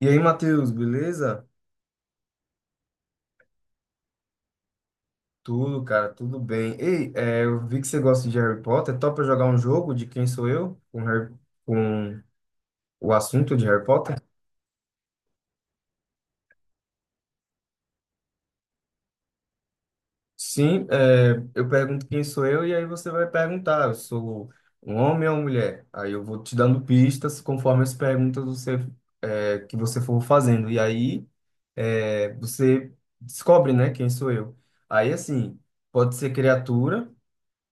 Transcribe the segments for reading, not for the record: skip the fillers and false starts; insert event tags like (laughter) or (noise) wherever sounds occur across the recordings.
E aí, Matheus, beleza? Tudo, cara, tudo bem. Ei, eu vi que você gosta de Harry Potter. Topa jogar um jogo de Quem Sou Eu com, Harry, com o assunto de Harry Potter? Sim, eu pergunto quem sou eu e aí você vai perguntar, eu sou um homem ou uma mulher? Aí eu vou te dando pistas conforme as perguntas você, que você for fazendo. E aí você descobre, né, quem sou eu. Aí, assim, pode ser criatura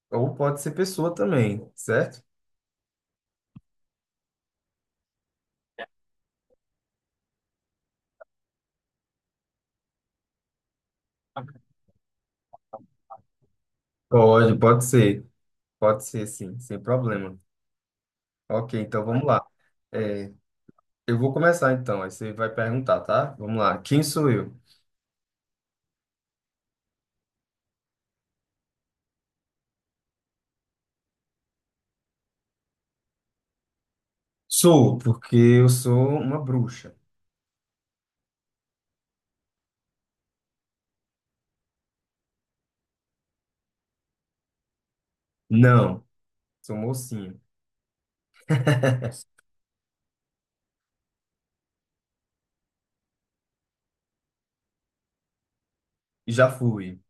ou pode ser pessoa também, certo? Pode ser. Pode ser, sim, sem problema. Ok, então vamos lá. É, eu vou começar então, aí você vai perguntar, tá? Vamos lá. Quem sou eu? Sou, porque eu sou uma bruxa. Não, sou mocinho. (laughs) Já fui.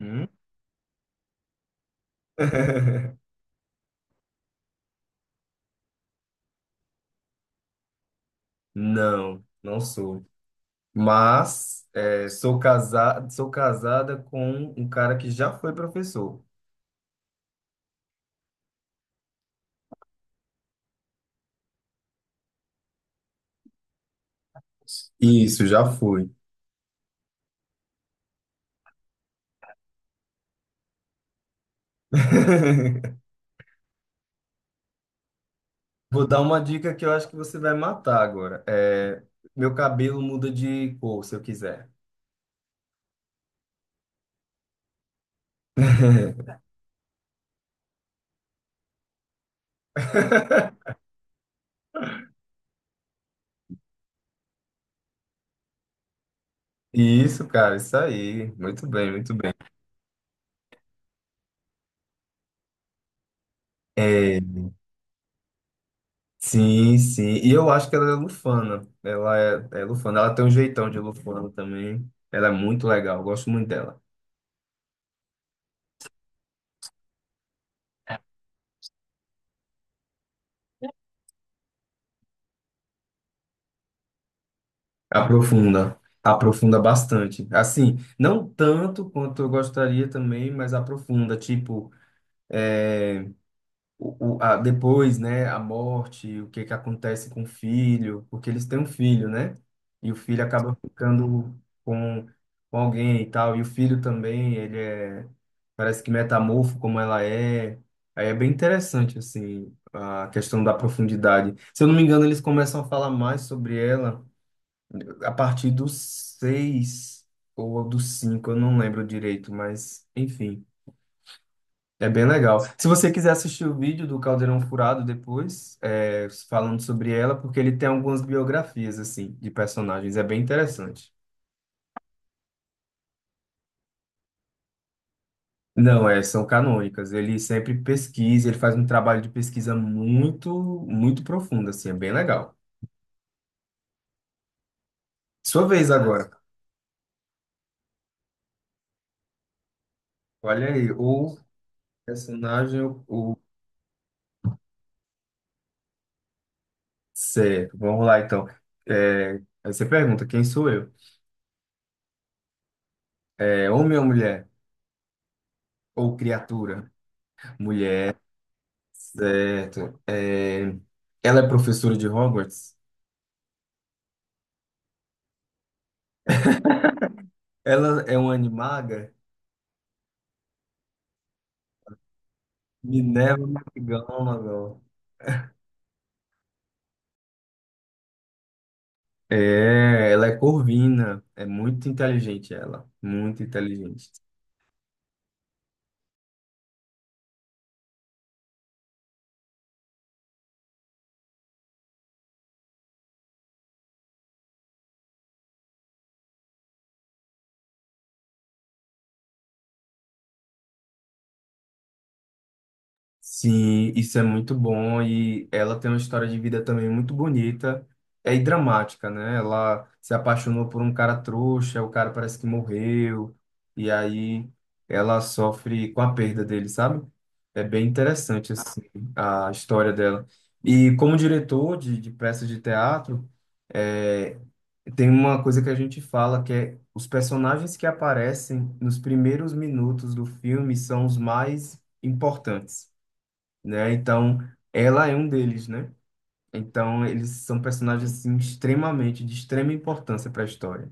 Hum? (laughs) Não, não sou. Mas sou casado, sou casada com um cara que já foi professor. Isso, já fui. (laughs) Vou dar uma dica que eu acho que você vai matar agora. Meu cabelo muda de cor, se eu quiser. (laughs) Isso, cara, isso aí. Muito bem, muito bem. É, sim, sim. E eu acho que ela é lufana. Ela é, é lufana. Ela tem um jeitão de lufana também. Ela é muito legal. Eu gosto muito dela. Aprofunda. Aprofunda bastante. Assim, não tanto quanto eu gostaria também, mas aprofunda. Tipo, é, depois, né, a morte, o que que acontece com o filho, porque eles têm um filho, né? E o filho acaba ficando com, com alguém e tal, e o filho também, parece que metamorfo como ela é. Aí é bem interessante, assim, a questão da profundidade. Se eu não me engano, eles começam a falar mais sobre ela a partir dos seis ou dos cinco, eu não lembro direito, mas enfim. É bem legal. Se você quiser assistir o vídeo do Caldeirão Furado depois, falando sobre ela, porque ele tem algumas biografias, assim, de personagens, é bem interessante. Não, é, são canônicas. Ele sempre pesquisa, ele faz um trabalho de pesquisa muito, muito profundo, assim, é bem legal. Sua vez agora. Olha aí, o personagem, o- Certo, vamos lá então. É, aí você pergunta, quem sou eu? É, homem ou mulher? Ou criatura? Mulher. Certo. Ela é professora de Hogwarts? Ela é uma animaga? Minerva McGonagall. É, ela é corvina. É muito inteligente ela. Muito inteligente. Sim, isso é muito bom e ela tem uma história de vida também muito bonita, e dramática, né? Ela se apaixonou por um cara trouxa, o cara parece que morreu, e aí ela sofre com a perda dele, sabe? É bem interessante, assim, a história dela. E como diretor de peças de teatro, é, tem uma coisa que a gente fala que é os personagens que aparecem nos primeiros minutos do filme são os mais importantes, né? Então, ela é um deles, né? Então, eles são personagens assim extremamente de extrema importância para a história.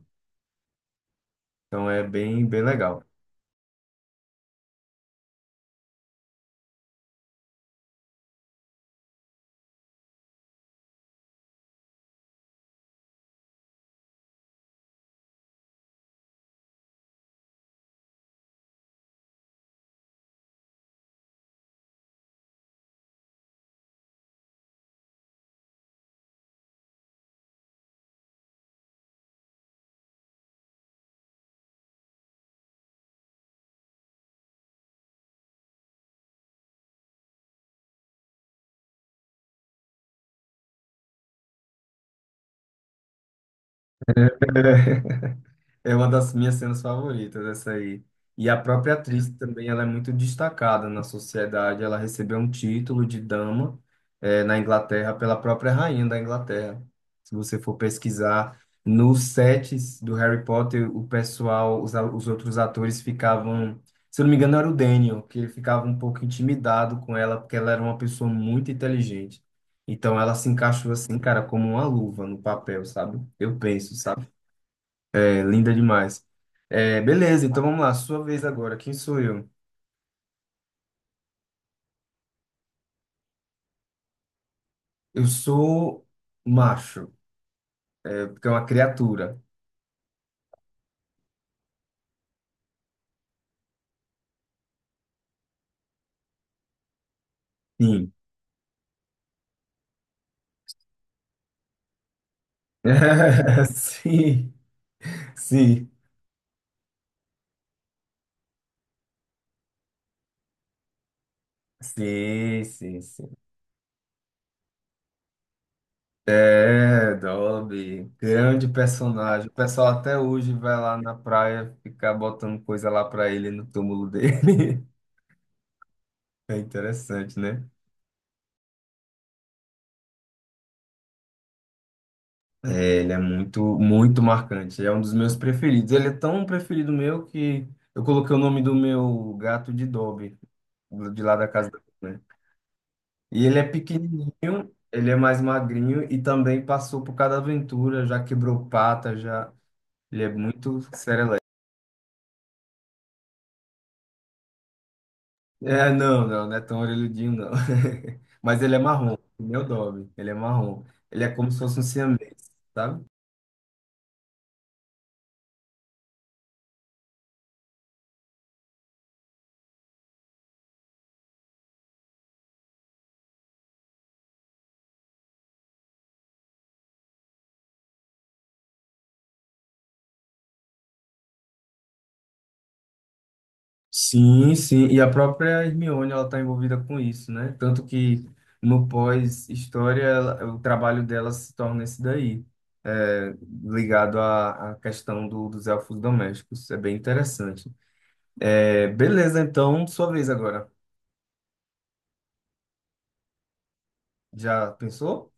Então, é bem bem legal. (laughs) É uma das minhas cenas favoritas, essa aí. E a própria atriz também, ela é muito destacada na sociedade. Ela recebeu um título de dama, na Inglaterra pela própria rainha da Inglaterra. Se você for pesquisar nos sets do Harry Potter, o pessoal, os outros atores ficavam, se eu não me engano, era o Daniel, que ele ficava um pouco intimidado com ela, porque ela era uma pessoa muito inteligente. Então ela se encaixou assim, cara, como uma luva no papel, sabe? Eu penso, sabe? É linda demais. É, beleza, então vamos lá, sua vez agora. Quem sou eu? Eu sou macho, porque é uma criatura. Sim. (laughs) Sim, sim. É, Dobby, grande personagem. O pessoal até hoje vai lá na praia ficar botando coisa lá pra ele no túmulo dele. (laughs) É interessante, né? É, ele é muito, muito marcante. Ele é um dos meus preferidos. Ele é tão preferido meu que eu coloquei o nome do meu gato de Dobby, de lá da casa da minha mãe. E ele é pequenininho, ele é mais magrinho e também passou por cada aventura, já quebrou pata, já... Ele é muito serelepe. É, não, não, não é tão orelhudinho, não. (laughs) Mas ele é marrom, meu Dobby, ele é marrom. Ele é como se fosse um siamês, sabe? Sim, sim, e a própria Hermione ela está envolvida com isso, né? Tanto que no pós-história ela- o trabalho dela se torna esse daí, é, ligado à, à questão do- dos elfos domésticos. É bem interessante. É, beleza, então, sua vez agora. Já pensou?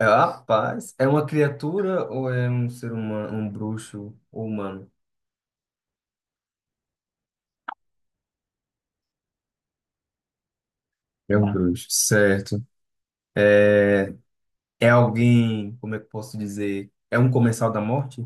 É, rapaz, é uma criatura ou é um ser humano, um bruxo ou humano? É um bruxo. Certo. É, é alguém, como é que eu posso dizer? É um comensal da morte?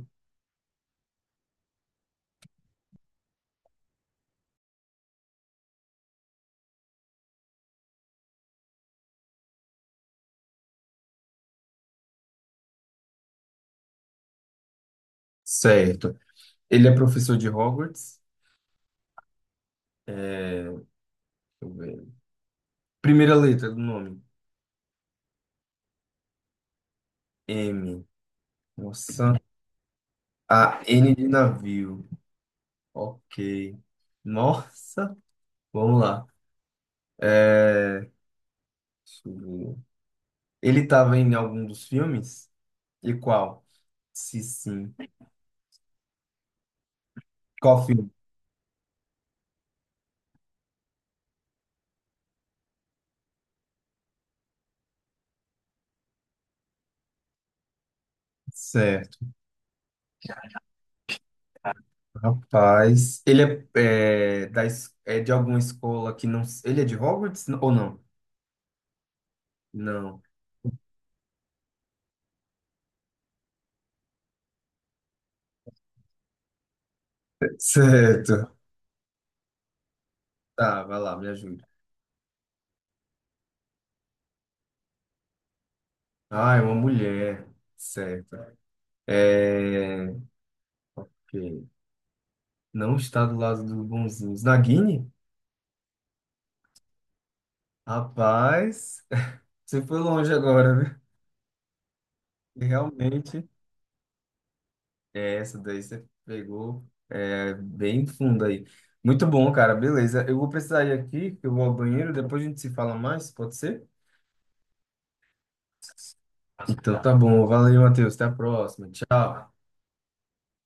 Certo. Ele é professor de Hogwarts. É, deixa eu ver. Primeira letra do nome. M. Nossa. A N de navio. Ok. Nossa. Vamos lá. Deixa eu ver. Ele estava em algum dos filmes? E qual? Se sim. Qual filme? Certo. Rapaz. Ele é, é, da, es- é de alguma escola que não. Ele é de Hogwarts ou não? Não. Certo. Tá, vai lá, me ajuda. Ah, é uma mulher. Certo. É, que não está do lado dos bonzinhos. Na Rapaz, (laughs) você foi longe agora, viu? E realmente, essa daí você pegou é, bem fundo aí. Muito bom, cara, beleza. Eu vou precisar ir aqui, que eu vou ao banheiro, depois a gente se fala mais, pode ser? Então tá bom, valeu, Matheus, até a próxima, tchau.